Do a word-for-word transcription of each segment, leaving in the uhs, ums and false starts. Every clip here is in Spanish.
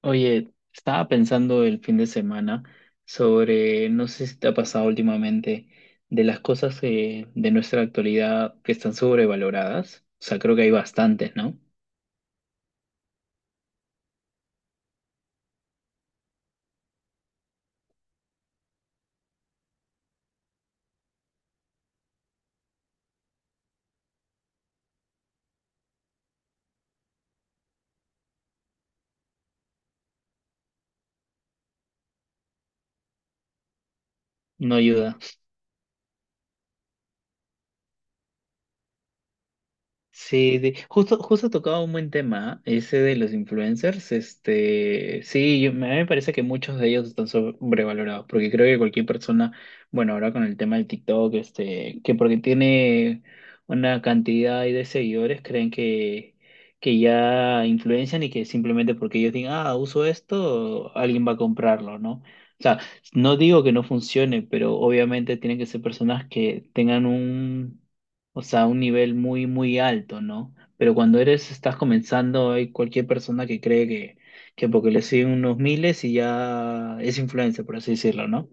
Oye, estaba pensando el fin de semana sobre, no sé si te ha pasado últimamente, de las cosas eh, de nuestra actualidad que están sobrevaloradas. O sea, creo que hay bastantes, ¿no? No ayuda. Sí, de- justo, justo tocaba un buen tema, ¿eh? Ese de los influencers. Este, sí, yo- me- a mí me parece que muchos de ellos están sobrevalorados, porque creo que cualquier persona, bueno, ahora con el tema del TikTok, este, que porque tiene una cantidad ahí de seguidores, creen que, que ya influencian y que simplemente porque ellos digan, ah, uso esto, alguien va a comprarlo, ¿no? O sea, no digo que no funcione, pero obviamente tienen que ser personas que tengan un o sea, un nivel muy, muy alto, ¿no? Pero cuando eres, estás comenzando, hay cualquier persona que cree que, que porque le siguen unos miles y ya es influencer, por así decirlo, no.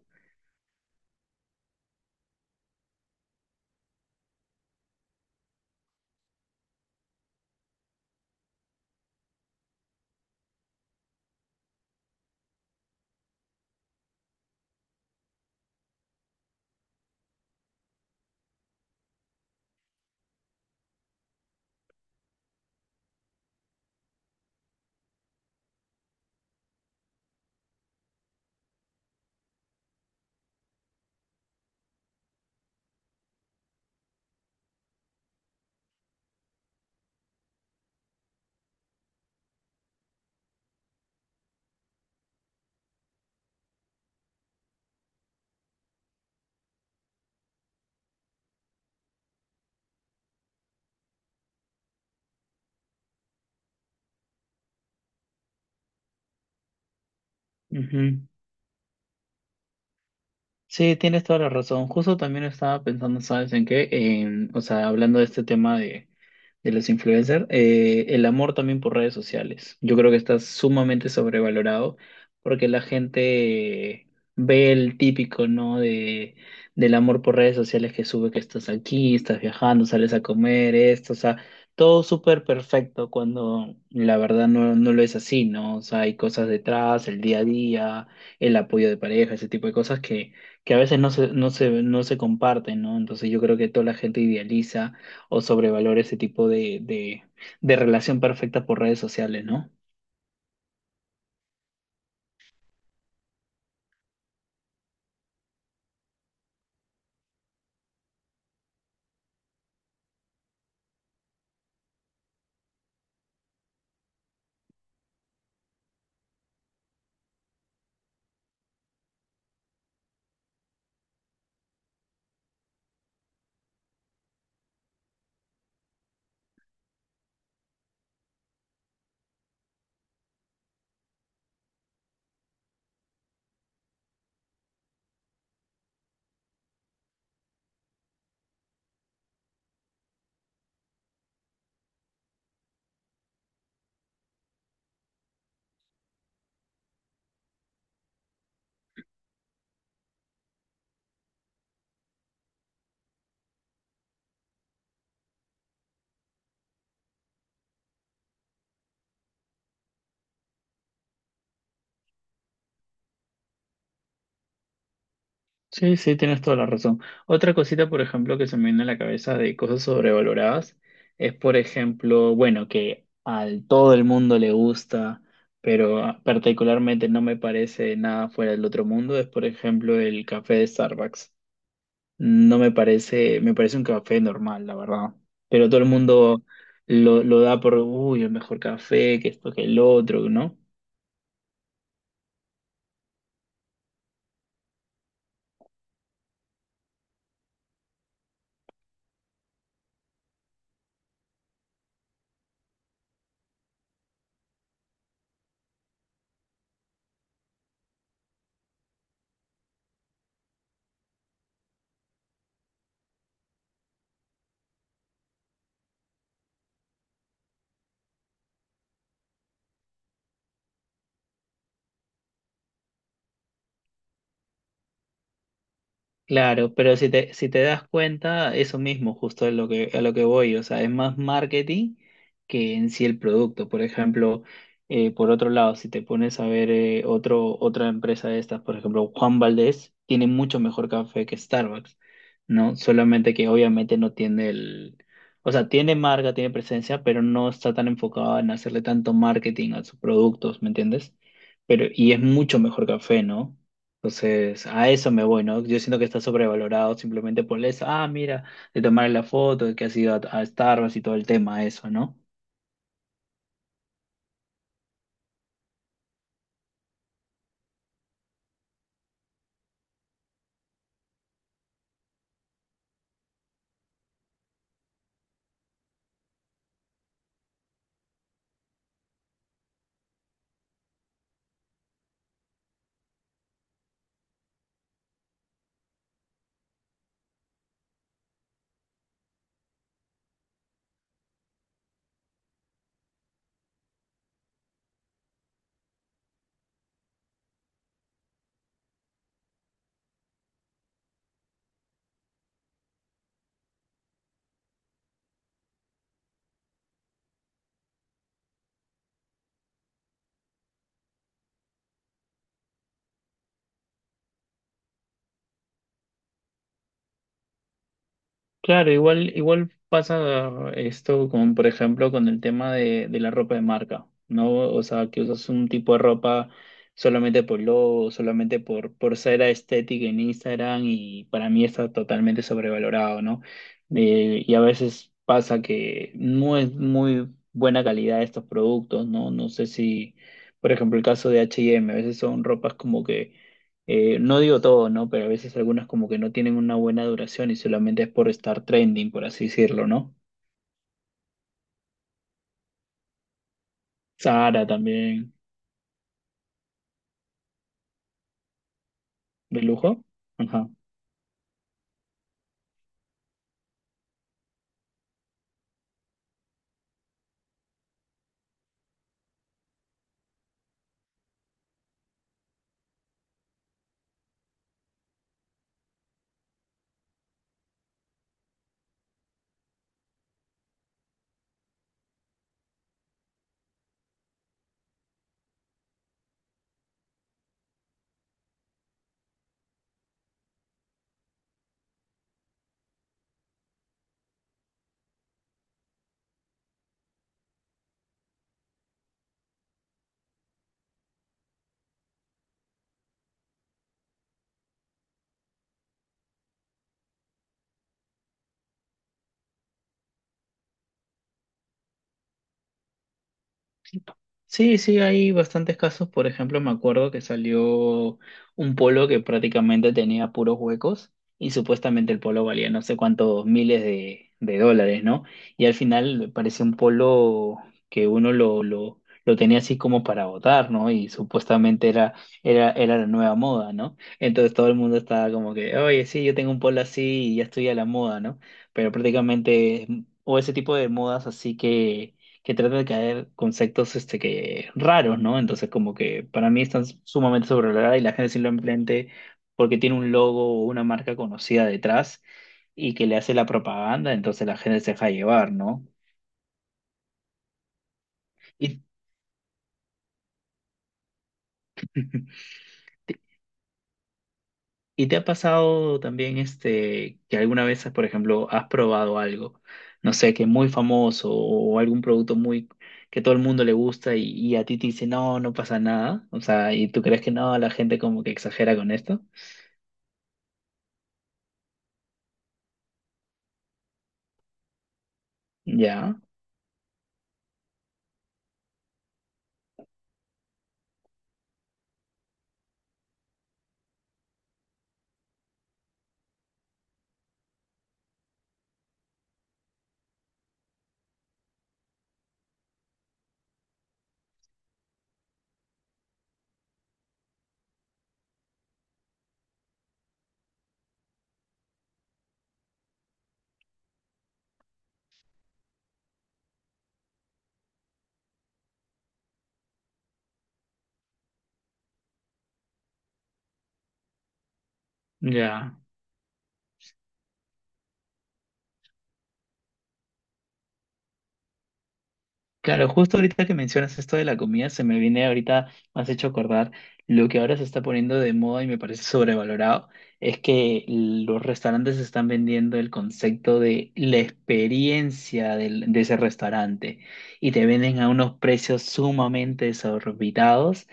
Ujú. Sí, tienes toda la razón. Justo también estaba pensando, ¿sabes en qué? En, o sea, hablando de este tema de, de los influencers, eh, el amor también por redes sociales. Yo creo que está sumamente sobrevalorado porque la gente ve el típico, ¿no? De, del amor por redes sociales que sube que estás aquí, estás viajando, sales a comer, esto, o sea, todo súper perfecto cuando la verdad no, no lo es así, ¿no? O sea, hay cosas detrás, el día a día, el apoyo de pareja, ese tipo de cosas que que a veces no se, no se, no se comparten, ¿no? Entonces yo creo que toda la gente idealiza o sobrevalora ese tipo de, de, de relación perfecta por redes sociales, ¿no? Sí, sí, tienes toda la razón. Otra cosita, por ejemplo, que se me viene a la cabeza de cosas sobrevaloradas es, por ejemplo, bueno, que a todo el mundo le gusta, pero ah, particularmente no me parece nada fuera del otro mundo, es, por ejemplo, el café de Starbucks. No me parece, me parece un café normal, la verdad. Pero todo el mundo lo, lo da por, uy, el mejor café, que esto, que el otro, ¿no? Claro, pero si te, si te das cuenta, eso mismo justo es lo que, a lo que voy, o sea, es más marketing que en sí el producto. Por ejemplo, eh, por otro lado, si te pones a ver eh, otro, otra empresa de estas, por ejemplo, Juan Valdez tiene mucho mejor café que Starbucks, ¿no? Solamente que obviamente no tiene el, o sea, tiene marca, tiene presencia, pero no está tan enfocado en hacerle tanto marketing a sus productos, ¿me entiendes? Pero, y es mucho mejor café, ¿no? Entonces, a eso me voy, ¿no? Yo siento que está sobrevalorado simplemente por eso. Ah, mira, de tomar la foto, de que has ido a, a Starbucks y todo el tema, eso, ¿no? Claro, igual, igual pasa esto como por ejemplo con el tema de, de la ropa de marca, ¿no? O sea, que usas un tipo de ropa solamente por logo, solamente por, por ser estética en Instagram y para mí está totalmente sobrevalorado, ¿no? Eh, y a veces pasa que no es muy buena calidad estos productos, ¿no? No sé si, por ejemplo, el caso de H and M, a veces son ropas como que eh, no digo todo, ¿no? Pero a veces algunas como que no tienen una buena duración y solamente es por estar trending, por así decirlo, ¿no? Sara también, de lujo. Ajá. Sí, sí, hay bastantes casos. Por ejemplo, me acuerdo que salió un polo que prácticamente tenía puros huecos y supuestamente el polo valía no sé cuántos miles de, de dólares, ¿no? Y al final parecía un polo que uno lo, lo, lo tenía así como para votar, ¿no? Y supuestamente era, era, era la nueva moda, ¿no? Entonces todo el mundo estaba como que, oye, sí, yo tengo un polo así y ya estoy a la moda, ¿no? Pero prácticamente, o ese tipo de modas así que que trata de caer conceptos este, que, raros, ¿no? Entonces, como que para mí están sumamente sobrevaloradas y la gente simplemente porque tiene un logo o una marca conocida detrás y que le hace la propaganda, entonces la gente se deja llevar, ¿no? ¿Y, y te ha pasado también este, que alguna vez, por ejemplo, has probado algo, no sé, que es muy famoso o algún producto muy que todo el mundo le gusta y, y a ti te dice, no, no pasa nada, o sea, y tú crees que no, la gente como que exagera con esto, ya. Ya, claro, justo ahorita que mencionas esto de la comida, se me viene ahorita, me has hecho acordar, lo que ahora se está poniendo de moda y me parece sobrevalorado, es que los restaurantes están vendiendo el concepto de la experiencia del- de ese restaurante y te venden a unos precios sumamente desorbitados.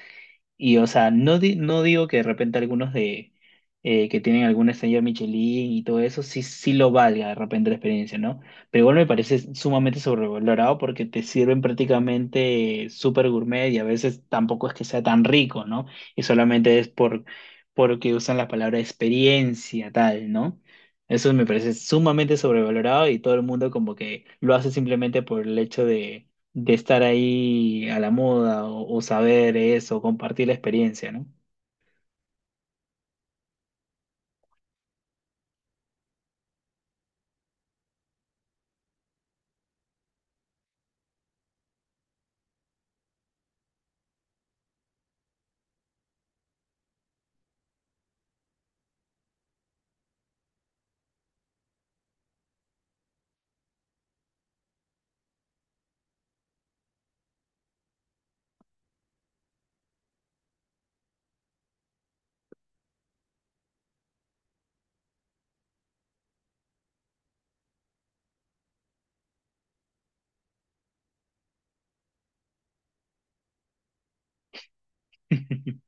Y, o sea, no, di- no digo que de repente algunos de eh, que tienen alguna estrella Michelin y todo eso, sí, sí lo valga de repente la experiencia, ¿no? Pero igual me parece sumamente sobrevalorado porque te sirven prácticamente súper gourmet y a veces tampoco es que sea tan rico, ¿no? Y solamente es por porque usan la palabra experiencia, tal, ¿no? Eso me parece sumamente sobrevalorado y todo el mundo como que lo hace simplemente por el hecho de estar ahí a la moda o, o saber eso, compartir la experiencia, ¿no?